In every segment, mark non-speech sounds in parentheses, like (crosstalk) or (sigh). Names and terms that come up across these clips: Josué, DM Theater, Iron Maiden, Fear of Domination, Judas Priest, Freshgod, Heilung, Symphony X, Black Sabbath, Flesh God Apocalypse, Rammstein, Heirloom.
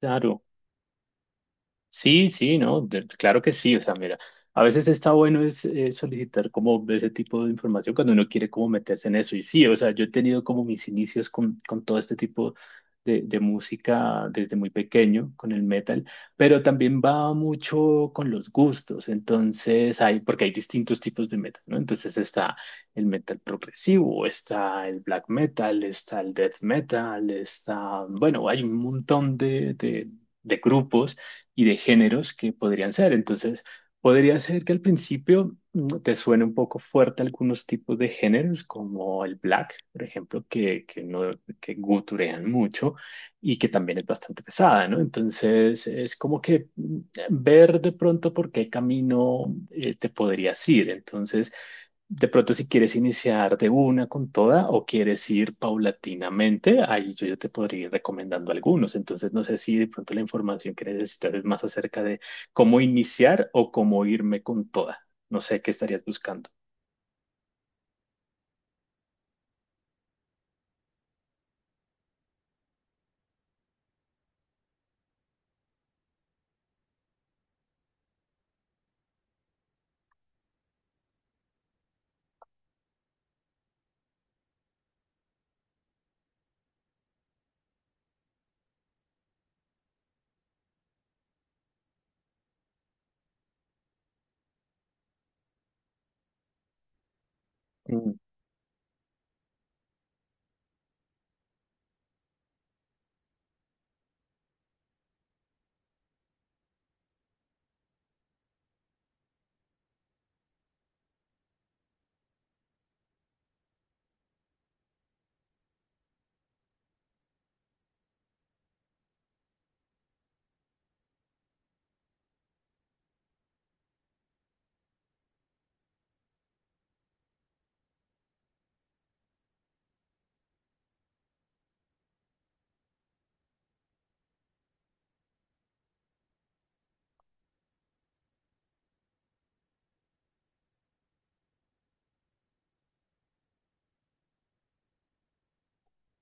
Claro, sí, sí, no, claro que sí, o sea, mira, a veces está bueno es solicitar como ese tipo de información cuando uno quiere como meterse en eso, y sí, o sea, yo he tenido como mis inicios con todo este tipo de música desde muy pequeño, con el metal, pero también va mucho con los gustos, entonces hay, porque hay distintos tipos de metal, ¿no? Entonces está el metal progresivo, está el black metal, está el death metal, está, bueno, hay un montón de de grupos y de géneros que podrían ser. Entonces, podría ser que al principio te suene un poco fuerte algunos tipos de géneros, como el black, por ejemplo, no, que guturean mucho y que también es bastante pesada, ¿no? Entonces, es como que ver de pronto por qué camino te podrías ir. Entonces, de pronto, si quieres iniciar de una con toda o quieres ir paulatinamente, ahí yo ya te podría ir recomendando algunos. Entonces, no sé si de pronto la información que necesitas es más acerca de cómo iniciar o cómo irme con toda. No sé qué estarías buscando.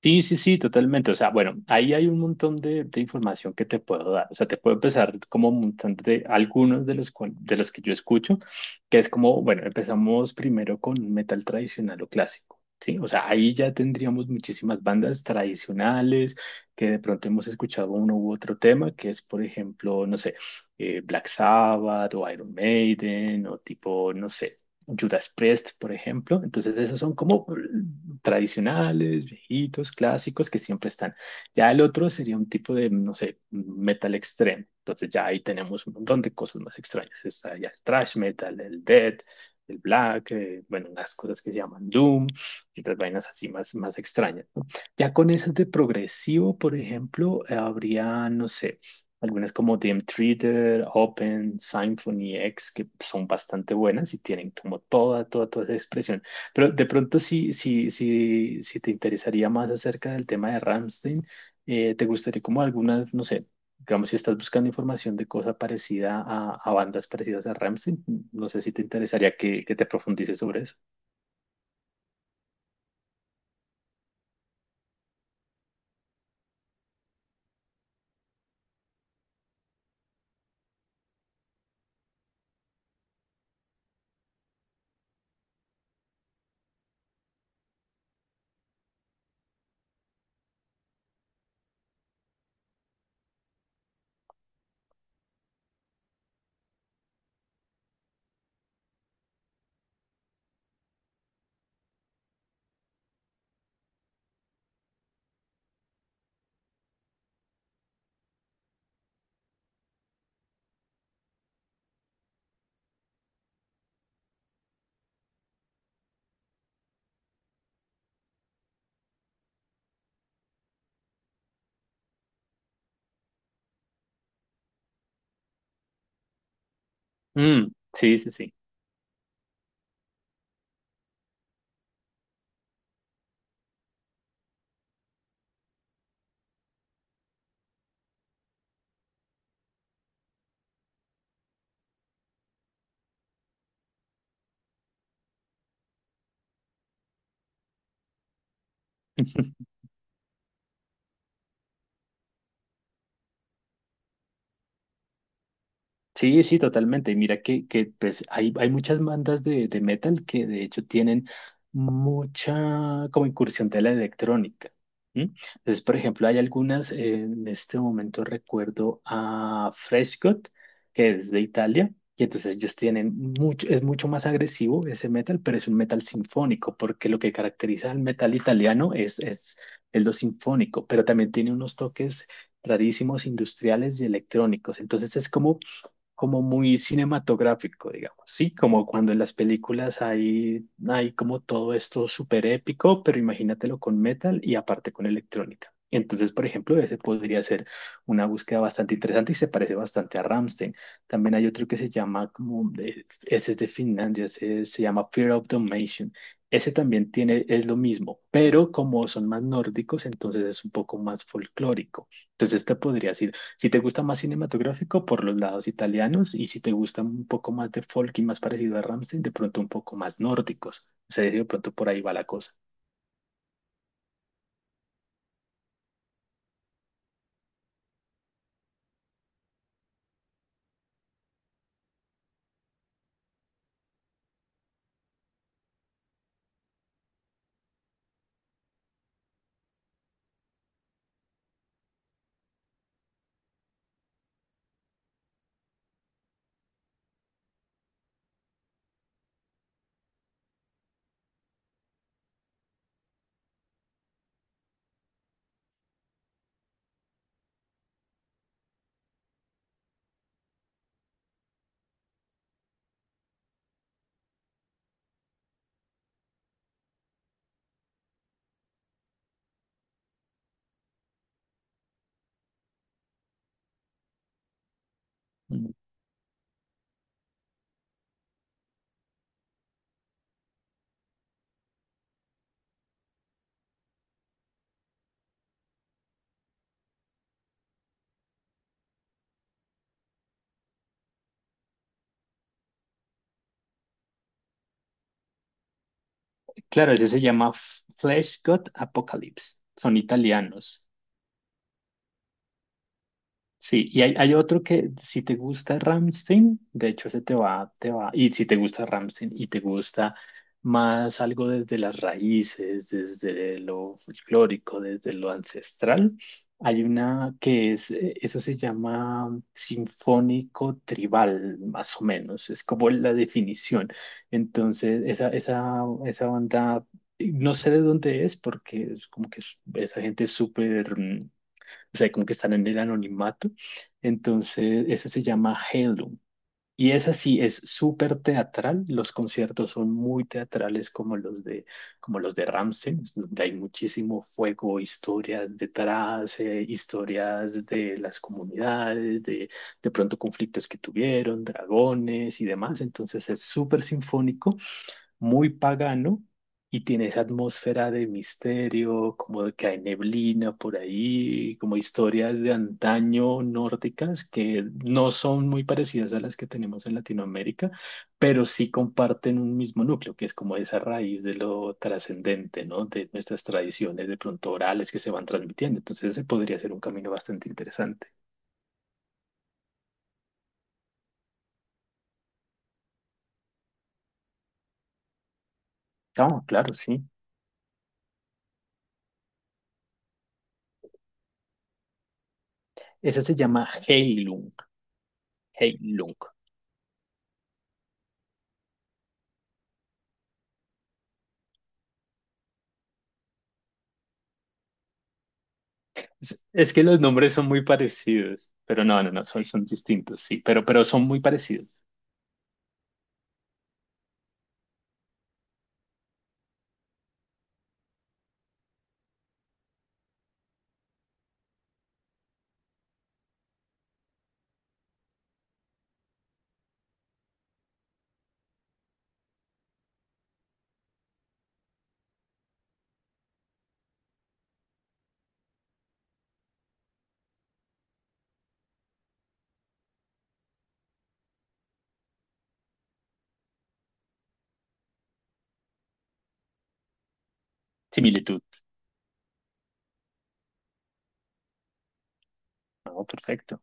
Sí, sí, sí, totalmente. O sea, bueno, ahí hay un montón de información que te puedo dar. O sea, te puedo empezar como un montón de algunos de los, de los que yo escucho, que es como, bueno, empezamos primero con metal tradicional o clásico, ¿sí? O sea, ahí ya tendríamos muchísimas bandas tradicionales que de pronto hemos escuchado uno u otro tema, que es, por ejemplo, no sé, Black Sabbath o Iron Maiden o tipo, no sé. Judas Priest, por ejemplo. Entonces, esos son como tradicionales, viejitos, clásicos que siempre están. Ya el otro sería un tipo de, no sé, metal extremo. Entonces, ya ahí tenemos un montón de cosas más extrañas. Está ya el thrash metal, el death, el black, bueno, las cosas que se llaman doom y otras vainas así más, más extrañas, ¿no? Ya con esas de progresivo, por ejemplo, habría, no sé algunas como DM Theater, Open, Symphony X, que son bastante buenas y tienen como toda, toda, toda esa expresión. Pero de pronto, si te interesaría más acerca del tema de Rammstein, te gustaría como algunas, no sé, digamos, si estás buscando información de cosa parecida a bandas parecidas a Rammstein, no sé si te interesaría que te profundices sobre eso. Mm, sí, sí, sí. (laughs) Sí, sí, totalmente. Y mira que pues hay muchas bandas de metal que de hecho tienen mucha como incursión de la electrónica. ¿M? Entonces, por ejemplo, hay algunas, en este momento recuerdo a Freshgod, que es de Italia, y entonces ellos tienen mucho, es mucho más agresivo ese metal, pero es un metal sinfónico, porque lo que caracteriza al metal italiano es el lo sinfónico, pero también tiene unos toques rarísimos industriales y electrónicos. Entonces es como muy cinematográfico, digamos, ¿sí? Como cuando en las películas hay, hay como todo esto súper épico, pero imagínatelo con metal y aparte con electrónica. Entonces, por ejemplo, ese podría ser una búsqueda bastante interesante y se parece bastante a Rammstein. También hay otro que se llama ese es de Finlandia, ese se llama Fear of Domination. Ese también tiene, es lo mismo, pero como son más nórdicos, entonces es un poco más folclórico. Entonces te podrías ir si te gusta más cinematográfico, por los lados italianos, y si te gusta un poco más de folk y más parecido a Rammstein, de pronto un poco más nórdicos. O sea, de pronto por ahí va la cosa. Mm. Claro, ese se llama Flesh God Apocalypse. Son italianos. Sí, y hay otro que si te gusta Ramstein, de hecho ese te va, y si te gusta Ramstein y te gusta más algo desde las raíces, desde lo folclórico, desde lo ancestral, hay una que es, eso se llama sinfónico tribal, más o menos, es como la definición. Entonces, esa banda, no sé de dónde es, porque es como que esa gente es súper... mm, o sea, como que están en el anonimato. Entonces, esa se llama Heirloom. Y esa sí es súper teatral. Los conciertos son muy teatrales como los de Rammstein, donde hay muchísimo fuego, historias detrás, historias de las comunidades, de pronto conflictos que tuvieron, dragones y demás. Entonces es súper sinfónico muy pagano y tiene esa atmósfera de misterio, como de que hay neblina por ahí, como historias de antaño nórdicas que no son muy parecidas a las que tenemos en Latinoamérica, pero sí comparten un mismo núcleo, que es como esa raíz de lo trascendente, ¿no? De nuestras tradiciones de pronto orales que se van transmitiendo. Entonces, ese podría ser un camino bastante interesante. No, claro, sí. Esa se llama Heilung. Heilung. Es que los nombres son muy parecidos, pero no, no, no, son, son distintos, sí, pero son muy parecidos. Similitud. No, perfecto.